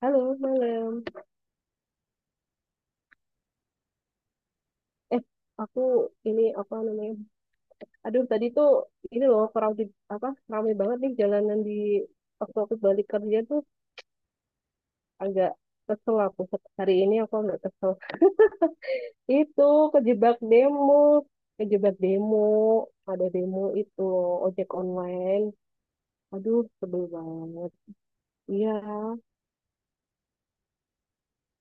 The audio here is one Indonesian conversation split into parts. Halo, malam. Eh, aku ini apa namanya? Aduh, tadi tuh ini loh crowded apa? Ramai banget nih jalanan di waktu aku balik kerja tuh agak kesel aku, hari ini aku agak kesel. Itu kejebak demo, kejebak demo, ada demo itu loh, ojek online. Aduh, sebel banget. Iya.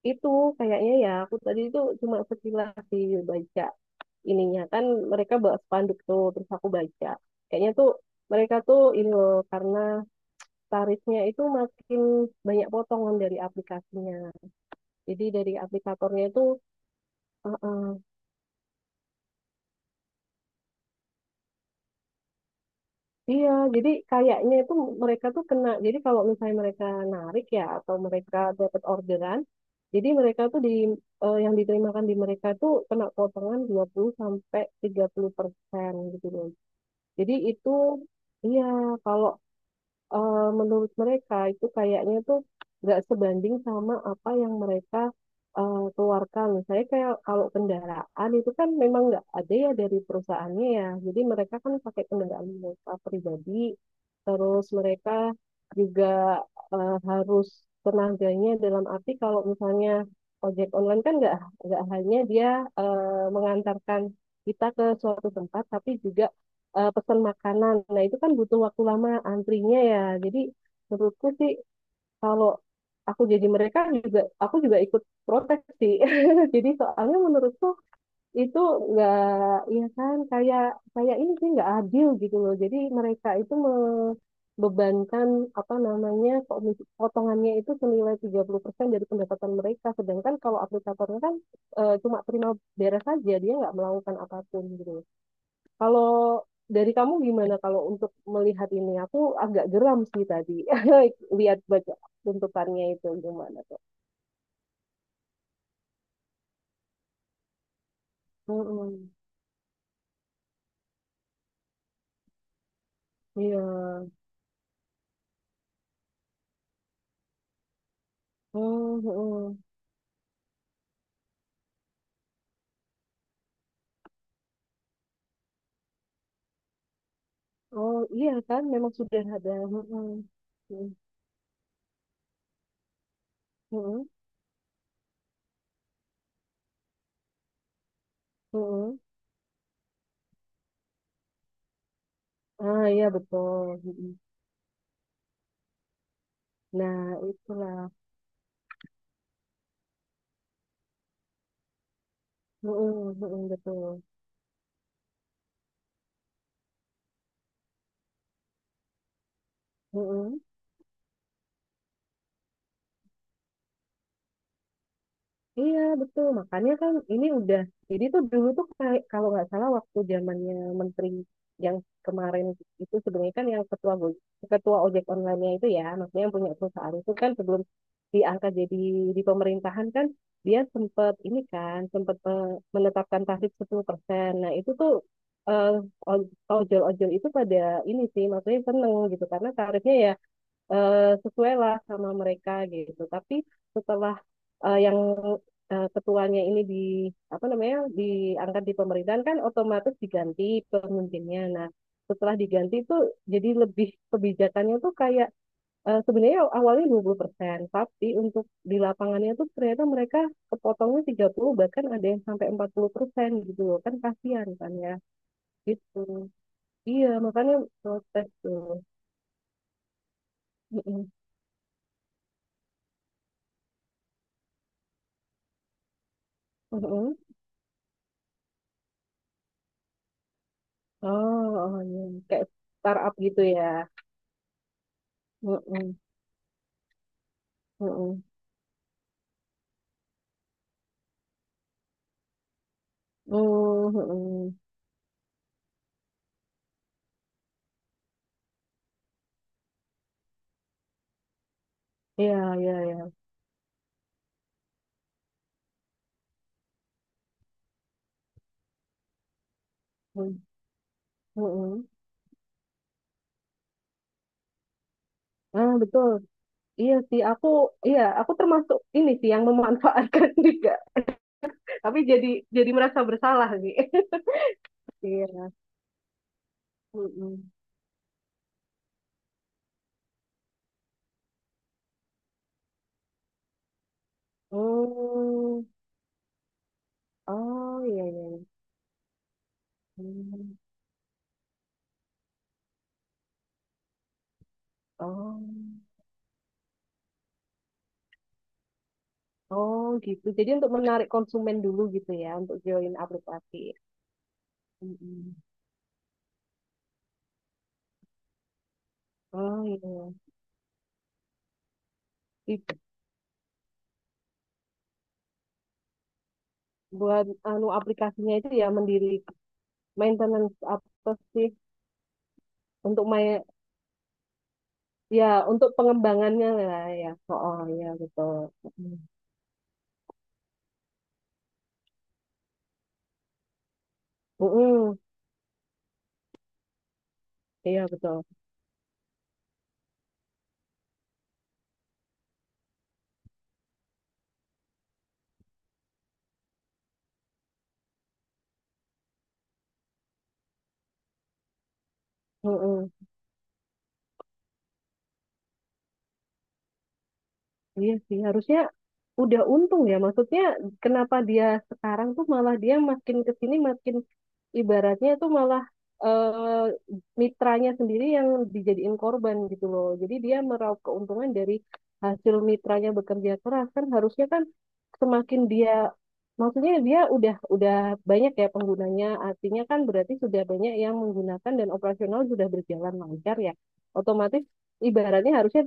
Itu kayaknya ya, aku tadi itu cuma sekilas sih baca ininya kan, mereka bawa spanduk tuh terus aku baca kayaknya tuh mereka tuh ini loh karena tarifnya itu makin banyak potongan dari aplikasinya, jadi dari aplikatornya itu. eh, eh, iya, jadi kayaknya itu mereka tuh kena. Jadi kalau misalnya mereka narik ya, atau mereka dapat orderan, jadi mereka tuh di yang diterimakan di mereka tuh kena potongan 20-30% gitu. Jadi itu, iya, kalau menurut mereka itu kayaknya tuh nggak sebanding sama apa yang mereka keluarkan. Saya kayak kalau kendaraan itu kan memang nggak ada ya dari perusahaannya ya. Jadi mereka kan pakai kendaraan mereka pribadi, terus mereka juga harus tenaganya. Dalam arti kalau misalnya ojek online kan nggak hanya dia mengantarkan kita ke suatu tempat, tapi juga pesan makanan. Nah, itu kan butuh waktu lama antrinya ya. Jadi menurutku sih kalau aku jadi mereka juga, aku juga ikut protes sih. Jadi soalnya menurutku itu nggak ya, kan kayak kayak ini sih nggak adil gitu loh. Jadi mereka itu membebankan apa namanya potongannya itu senilai 30% dari pendapatan mereka, sedangkan kalau aplikatornya kan cuma terima beres saja, dia nggak melakukan apapun gitu. Kalau dari kamu gimana kalau untuk melihat ini? Aku agak geram sih tadi lihat baca tuntutannya itu gimana tuh. Mm-mm. Iya. Mm-mm. Oh iya, kan memang sudah ada. Mm-mm. Mm-mm. Mm-mm. Mm-mm. Ah iya betul. Mm-mm. Nah itulah. Mm-mm. Mm-mm, betul. Mm-mm. Iya, betul. Makanya kan ini udah, jadi tuh dulu tuh kayak, kalau nggak salah waktu zamannya menteri yang kemarin, itu sebenarnya kan yang ketua ojek online-nya itu ya, maksudnya yang punya perusahaan itu kan sebelum diangkat jadi di pemerintahan kan dia sempat ini kan sempat menetapkan tarif 10%. Nah, itu tuh eh, oj- ojol-ojol itu pada ini sih maksudnya seneng gitu karena tarifnya ya eh sesuai lah sama mereka gitu. Tapi setelah yang ketuanya ini di apa namanya diangkat di pemerintahan kan otomatis diganti pemimpinnya. Nah, setelah diganti itu jadi lebih kebijakannya tuh kayak sebenarnya awalnya 20%, tapi untuk di lapangannya tuh ternyata mereka kepotongnya 30, bahkan ada yang sampai 40% gitu loh. Kan kasihan kan ya. Gitu. Iya, makanya protes tuh. Mm-mm. Mm-mm. Oh, oh iya. Kayak startup gitu ya. Mm-mm, mm-mm. Mm, mm-mm. Iya, iya, iya. Mm, mm-mm. Ah, betul. Iya sih, aku, iya, aku termasuk ini sih yang memanfaatkan juga. Tapi jadi merasa bersalah sih. Iya. Mm-mm. Mm. Oh, iya, iya. Iya. Mm. Oh. Oh, gitu. Jadi untuk menarik konsumen dulu gitu ya untuk join aplikasi. Mm-mm. Oh, iya. Buat anu aplikasinya itu ya mendiri maintenance apa sih untuk main, ya untuk pengembangannya lah ya. Oh, oh ya betul. Mm. Mm-mm. Iya betul. Mm-mm. Iya sih harusnya udah untung ya, maksudnya kenapa dia sekarang tuh malah dia makin kesini makin ibaratnya itu malah eh, mitranya sendiri yang dijadiin korban gitu loh. Jadi dia meraup keuntungan dari hasil mitranya bekerja keras, kan harusnya kan semakin dia, maksudnya dia udah banyak ya penggunanya, artinya kan berarti sudah banyak yang menggunakan dan operasional sudah berjalan lancar ya. Otomatis ibaratnya harusnya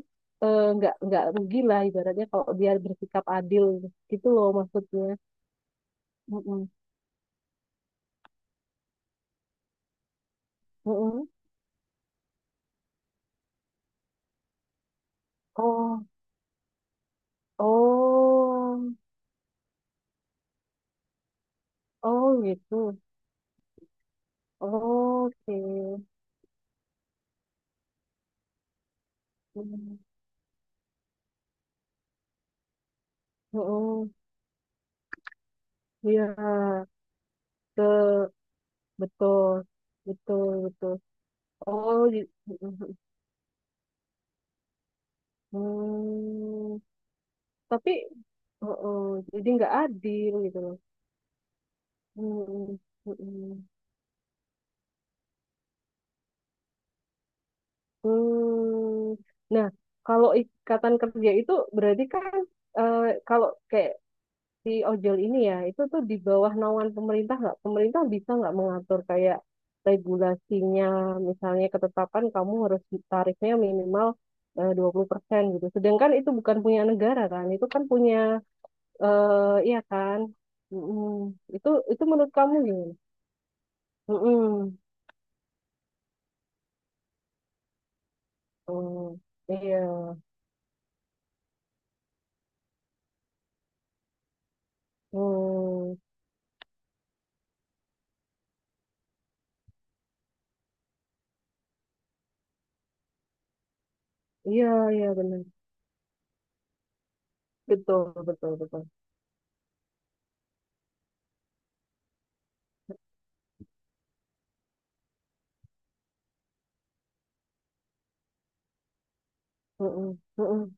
nggak rugi lah ibaratnya kalau dia bersikap adil gitu loh maksudnya. Mm-mm. Mm-mm. Oh, oh. Oh gitu. Oke. Hmm. Oh, iya. Ke betul. Betul, betul. Oh, hmm. Tapi oh, oh, jadi nggak adil gitu loh. Hmm. Hmm. Hmm. Nah, kalau ikatan kerja itu berarti kan eh, kalau kayak si ojol ini ya itu tuh di bawah naungan pemerintah, nggak, pemerintah bisa nggak mengatur kayak regulasinya, misalnya ketetapan kamu harus tarifnya minimal 20% gitu, sedangkan itu bukan punya negara kan, itu kan punya iya kan. Mm-mm. Itu menurut kamu gimana. Mm-mm. Mm. Iya. Mm. Iya, iya benar, betul betul betul. Mm-mm. Mm-mm.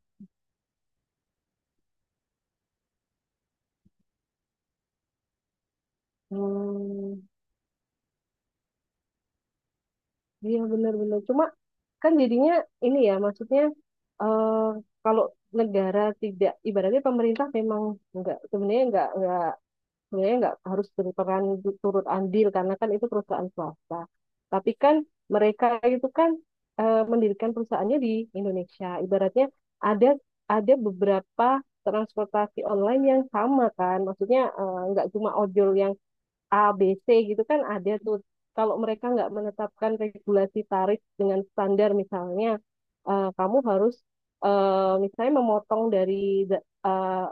Hmm, iya benar-benar. Cuma kan jadinya ini ya maksudnya eh, kalau negara tidak, ibaratnya pemerintah memang nggak, sebenarnya nggak sebenarnya nggak harus berperan turut andil karena kan itu perusahaan swasta, tapi kan mereka itu kan mendirikan perusahaannya di Indonesia. Ibaratnya ada ada beberapa transportasi online yang sama kan, maksudnya nggak cuma ojol yang A, B, C gitu kan ada tuh. Kalau mereka nggak menetapkan regulasi tarif dengan standar, misalnya, kamu harus misalnya memotong dari eh,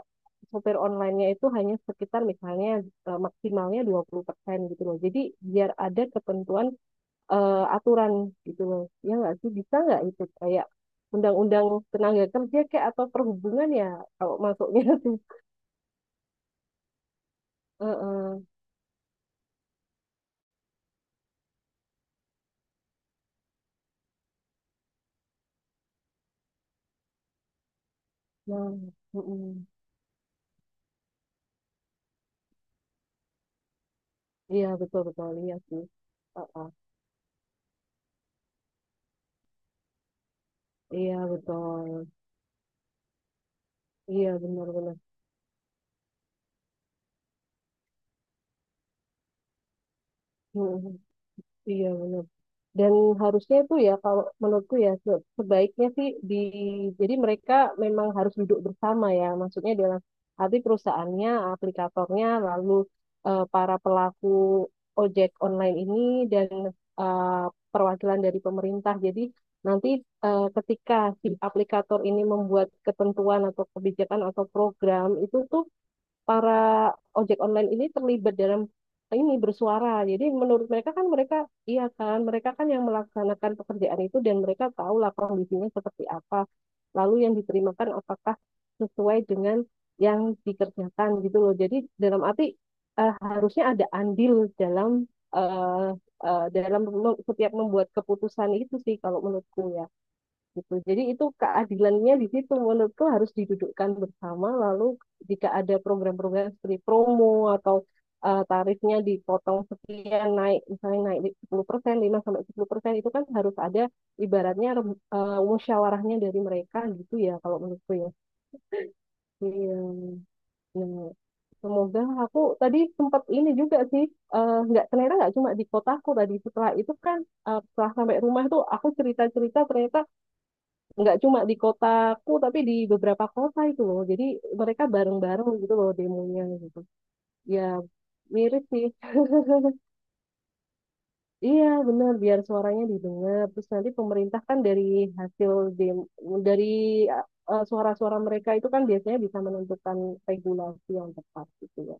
sopir online-nya itu hanya sekitar misalnya maksimalnya 20% gitu loh. Jadi biar ada ketentuan, aturan gitu loh. Ya nggak sih bisa nggak itu kayak undang-undang tenaga kerja kayak, atau perhubungan ya kalau masuknya tuh. Eh, eh. Nah, mm-mm. Iya betul betul, iya sih. Heeh. Iya betul, iya benar-benar, mhm. Iya benar. Dan harusnya itu ya kalau menurutku ya sebaiknya sih di, jadi mereka memang harus duduk bersama ya, maksudnya dalam arti perusahaannya, aplikatornya, lalu para pelaku ojek online ini dan eh, perwakilan dari pemerintah. Jadi nanti ketika si aplikator ini membuat ketentuan atau kebijakan atau program itu tuh, para ojek online ini terlibat dalam ini bersuara. Jadi menurut mereka kan, mereka iya kan, mereka kan yang melaksanakan pekerjaan itu dan mereka tahulah kondisinya seperti apa. Lalu yang diterimakan apakah sesuai dengan yang dikerjakan gitu loh. Jadi dalam arti harusnya ada andil dalam eh, dalam setiap membuat keputusan itu sih kalau menurutku ya gitu. Jadi itu keadilannya di situ menurutku harus didudukkan bersama, lalu jika ada program-program seperti promo atau tarifnya dipotong sekian, naik misalnya naik 10%, 5-10%, itu kan harus ada ibaratnya musyawarahnya dari mereka gitu ya kalau menurutku ya. Iya. Ya, semoga. Aku tadi sempat ini juga sih nggak, ternyata nggak cuma di kotaku. Tadi setelah itu kan setelah sampai rumah tuh aku cerita-cerita, ternyata nggak cuma di kotaku tapi di beberapa kota itu loh. Jadi mereka bareng-bareng gitu loh demonya gitu ya, mirip sih. Iya benar, biar suaranya didengar, terus nanti pemerintah kan dari hasil dem dari suara-suara mereka itu kan biasanya bisa menentukan regulasi yang tepat gitu ya.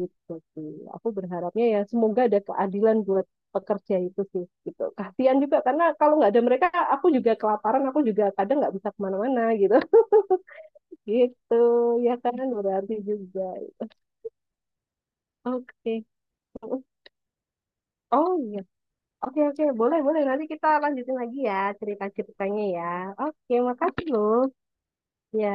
Gitu sih, aku berharapnya ya semoga ada keadilan buat pekerja itu sih gitu, kasihan juga karena kalau nggak ada mereka aku juga kelaparan, aku juga kadang nggak bisa kemana-mana gitu. Gitu, ya kan berarti juga. Oke. Oh iya. Oke, oke. Boleh, boleh. Nanti kita lanjutin lagi ya cerita-ceritanya ya. Oke, makasih loh. Ya.